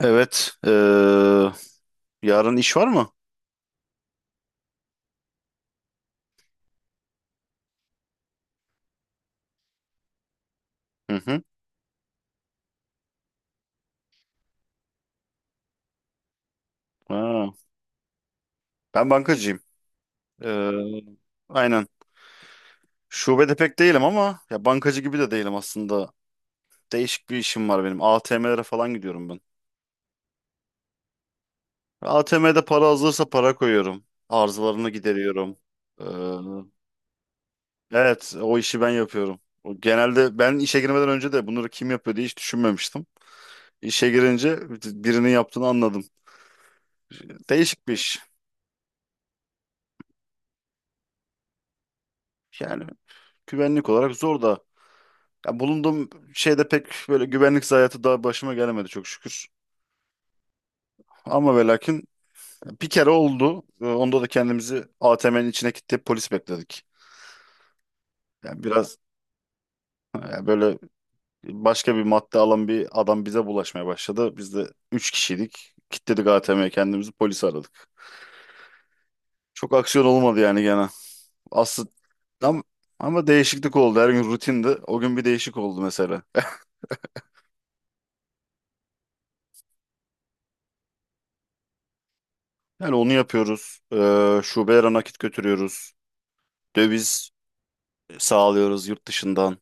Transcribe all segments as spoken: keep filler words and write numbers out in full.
Evet. Eee, yarın iş var mı? Hı hı. Ha, ben bankacıyım. Eee, aynen. Şubede pek değilim ama ya bankacı gibi de değilim aslında. Değişik bir işim var benim. A T M'lere falan gidiyorum ben. A T M'de para hazırsa para koyuyorum. Arızalarını gideriyorum. Eee, evet, o işi ben yapıyorum. O, genelde ben işe girmeden önce de bunları kim yapıyor diye hiç düşünmemiştim. İşe girince birinin yaptığını anladım. Değişik bir iş. Yani güvenlik olarak zor da. Ya, bulunduğum şeyde pek böyle güvenlik zayiatı daha başıma gelemedi çok şükür. Ama ve lakin bir kere oldu. Ee, Onda da kendimizi A T M'nin içine kilitleyip polis bekledik. Yani biraz, yani böyle, başka bir madde alan bir adam bize bulaşmaya başladı. Biz de üç kişiydik. Kilitledik A T M'ye kendimizi, polis aradık. Çok aksiyon olmadı yani gene. Aslında ama, ama değişiklik oldu. Her gün rutindi. O gün bir değişik oldu mesela. Yani onu yapıyoruz. Ee, şubelere nakit götürüyoruz. Döviz sağlıyoruz yurt dışından.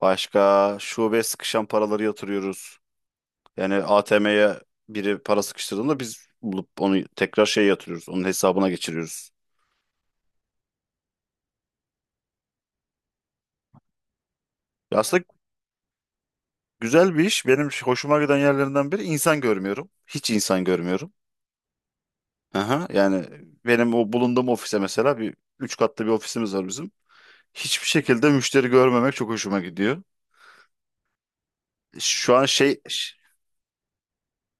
Başka şubeye sıkışan paraları yatırıyoruz. Yani A T M'ye biri para sıkıştırdığında biz bulup onu tekrar şey yatırıyoruz. Onun hesabına geçiriyoruz. Ya, aslında güzel bir iş. Benim hoşuma giden yerlerinden biri insan görmüyorum. Hiç insan görmüyorum. Aha, yani benim o bulunduğum ofise mesela, bir üç katlı bir ofisimiz var bizim. Hiçbir şekilde müşteri görmemek çok hoşuma gidiyor. Şu an şey.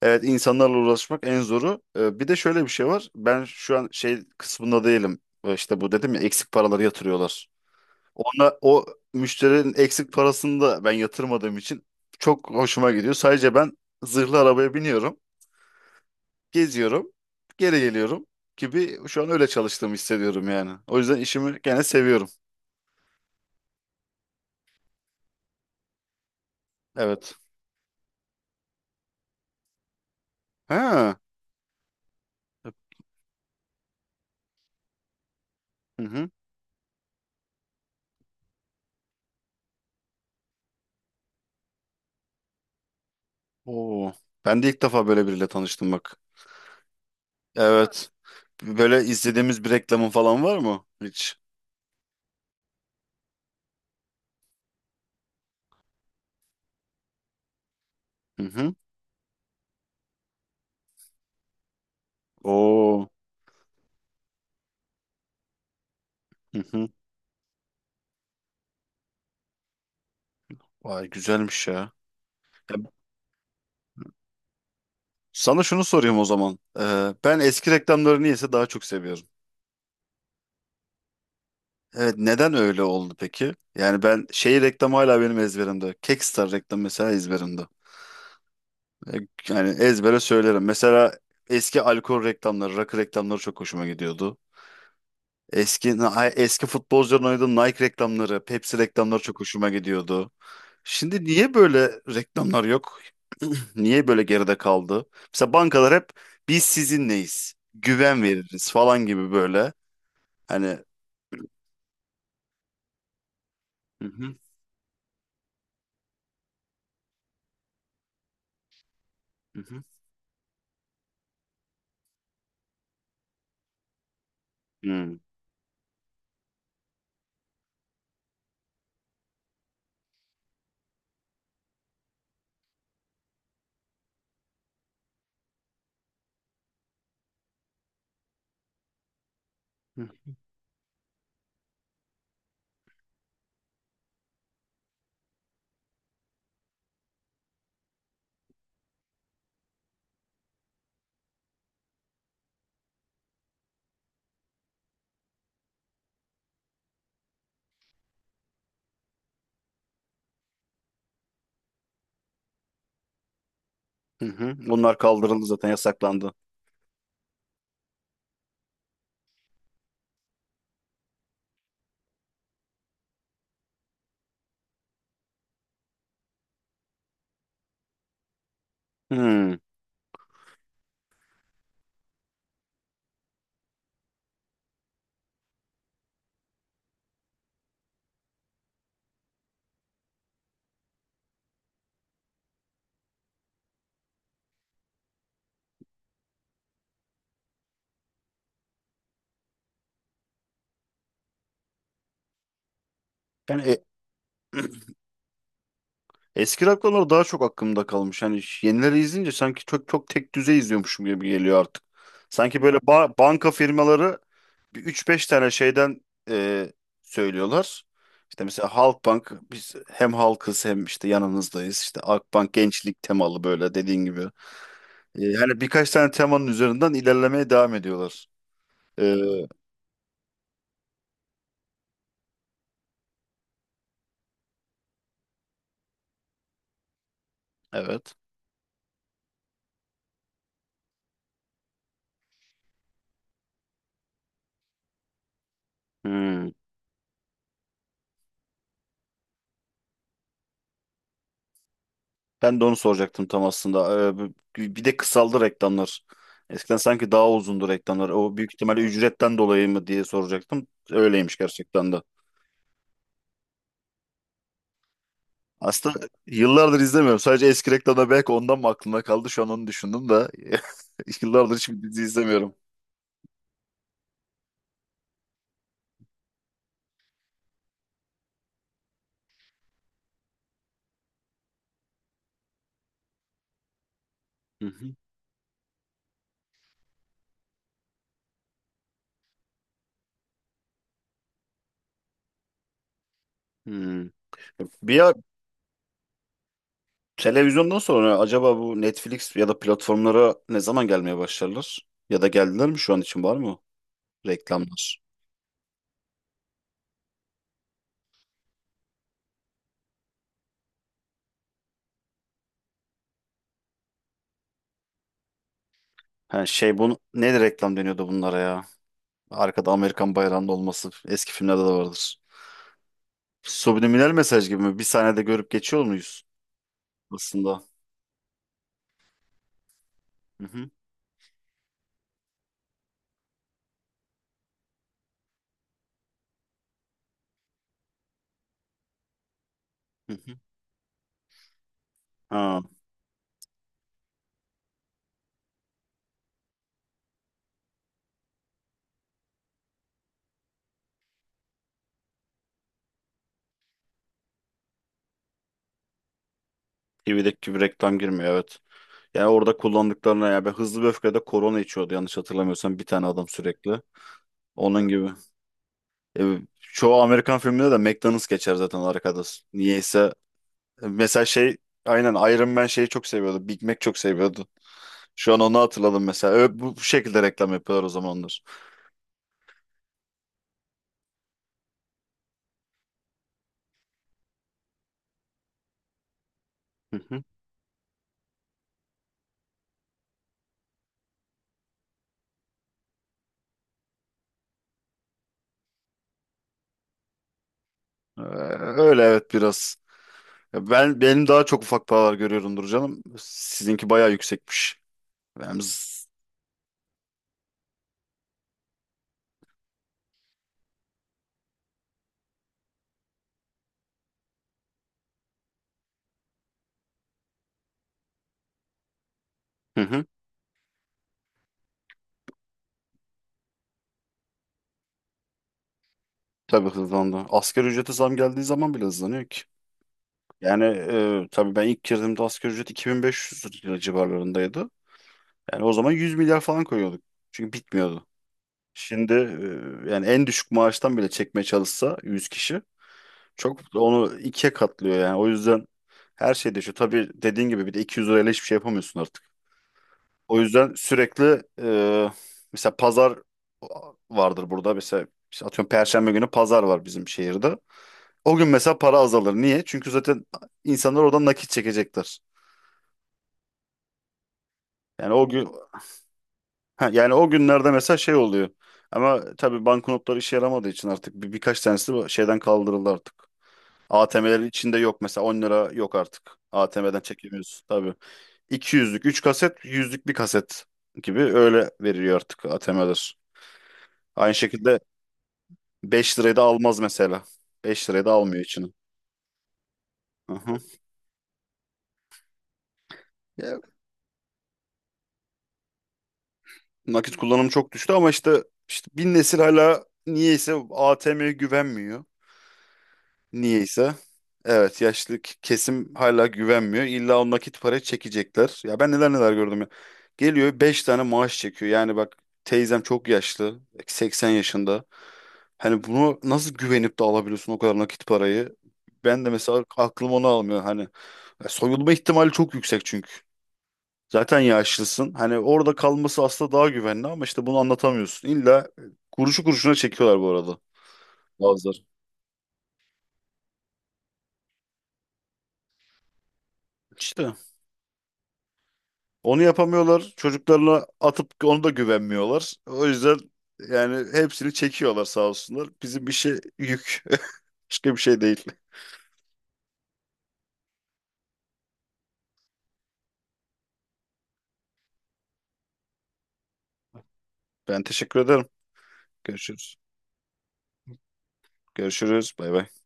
Evet, insanlarla uğraşmak en zoru. Ee, bir de şöyle bir şey var. Ben şu an şey kısmında değilim. Ee, İşte bu dedim ya, eksik paraları yatırıyorlar. Ona o müşterinin eksik parasını da ben yatırmadığım için çok hoşuma gidiyor. Sadece ben zırhlı arabaya biniyorum, geziyorum, geri geliyorum gibi şu an öyle çalıştığımı hissediyorum yani. O yüzden işimi gene seviyorum. Evet. Ha. Hı hı. Oo. Ben de ilk defa böyle biriyle tanıştım bak. Evet. Böyle izlediğimiz bir reklamın falan var mı hiç? Hı hı. Oo. Hı hı. Vay, güzelmiş ya. Ya, sana şunu sorayım o zaman. Ee, ben eski reklamları niyeyse daha çok seviyorum. Evet, neden öyle oldu peki? Yani ben şey reklamı hala benim ezberimde. Kekstar reklam mesela ezberimde. Ee, Yani ezbere söylerim. Mesela eski alkol reklamları, rakı reklamları çok hoşuma gidiyordu. Eski eski futbolcuların oynadığı Nike reklamları, Pepsi reklamları çok hoşuma gidiyordu. Şimdi niye böyle reklamlar yok? Niye böyle geride kaldı? Mesela bankalar hep biz sizinleyiz, güven veririz falan gibi böyle. Hani, hı hı, hı hı, hı hı, hı. Bunlar kaldırıldı zaten yasaklandı. Hı. Yani e- eski rock konuları daha çok aklımda kalmış. Hani yenileri izleyince sanki çok çok tek düze izliyormuşum gibi geliyor artık. Sanki böyle ba- banka firmaları bir üç beş tane şeyden e, söylüyorlar. İşte mesela Halkbank biz hem halkız hem işte yanınızdayız. İşte Akbank gençlik temalı böyle dediğin gibi. E, hani birkaç tane temanın üzerinden ilerlemeye devam ediyorlar. E, evet. Hmm. Ben de onu soracaktım tam aslında. Ee, bir bir de kısaldı reklamlar. Eskiden sanki daha uzundu reklamlar. O büyük ihtimalle ücretten dolayı mı diye soracaktım. Öyleymiş gerçekten de. Aslında yıllardır izlemiyorum. Sadece eski reklamda belki ondan mı aklımda kaldı. Şu an onu düşündüm de. Yıllardır hiçbir dizi izlemiyorum. Hı hı. Hmm. Bir, ya televizyondan sonra acaba bu Netflix ya da platformlara ne zaman gelmeye başlarlar? Ya da geldiler mi şu an için var mı reklamlar? Ha, şey, bunu ne reklam deniyordu bunlara ya? Arkada Amerikan bayrağının olması eski filmlerde de vardır. Subliminal mesaj gibi mi? Bir sahnede görüp geçiyor muyuz aslında? Hı hı, hı hı. Ha, T V'deki gibi reklam girmiyor, evet. Yani orada kullandıklarına ya, ben Hızlı ve Öfkede korona içiyordu yanlış hatırlamıyorsam bir tane adam sürekli. Onun gibi. E, çoğu Amerikan filminde de McDonald's geçer zaten arkada. Niyeyse e, mesela, şey, aynen Iron Man şeyi çok seviyordu. Big Mac çok seviyordu. Şu an onu hatırladım mesela. Ö, bu, bu şekilde reklam yapıyorlar o zamanlar. Ee, Öyle, evet, biraz. Ya, Ben benim daha çok ufak paralar görüyorumdur canım. Sizinki bayağı yüksekmiş. Ben z- Hı hı, tabii hızlandı. Asgari ücrete zam geldiği zaman bile hızlanıyor ki. Yani e, tabii ben ilk girdiğimde asgari ücret iki bin beş yüz lira civarlarındaydı. Yani o zaman yüz milyar falan koyuyorduk. Çünkü bitmiyordu. Şimdi e, yani en düşük maaştan bile çekmeye çalışsa yüz kişi çok onu ikiye katlıyor yani. O yüzden her şey değişiyor. Tabii dediğin gibi bir de iki yüz lirayla hiçbir şey yapamıyorsun artık. O yüzden sürekli e, mesela pazar vardır burada. Mesela işte atıyorum Perşembe günü pazar var bizim şehirde. O gün mesela para azalır. Niye? Çünkü zaten insanlar oradan nakit çekecektir. Yani o gün, ha, yani o günlerde mesela şey oluyor. Ama tabii banknotlar işe yaramadığı için artık bir, birkaç tanesi bu şeyden kaldırıldı artık. A T M'lerin içinde yok mesela on lira yok artık. A T M'den çekemiyoruz tabii. iki yüzlük üç kaset, yüzlük bir kaset gibi öyle veriliyor artık A T M'ler. Aynı şekilde beş liraya da almaz mesela. Beş liraya da almıyor içini. Aha. Ya, nakit kullanımı çok düştü ama işte işte bin nesil hala niyeyse A T M'ye güvenmiyor. Niyeyse. Evet, yaşlı k- kesim hala güvenmiyor. İlla o nakit para çekecekler. Ya ben neler neler gördüm ya. Geliyor beş tane maaş çekiyor. Yani bak teyzem çok yaşlı. seksen yaşında. Hani bunu nasıl güvenip de alabiliyorsun o kadar nakit parayı? Ben de mesela aklım onu almıyor. Hani soyulma ihtimali çok yüksek çünkü. Zaten yaşlısın. Hani orada kalması aslında daha güvenli ama işte bunu anlatamıyorsun. İlla e, kuruşu kuruşuna çekiyorlar bu arada bazıları. İşte onu yapamıyorlar. Çocuklarına atıp onu da güvenmiyorlar. O yüzden yani hepsini çekiyorlar sağ olsunlar. Bizim işe yük. Başka bir şey değil. Ben teşekkür ederim. Görüşürüz. Görüşürüz. Bay bay.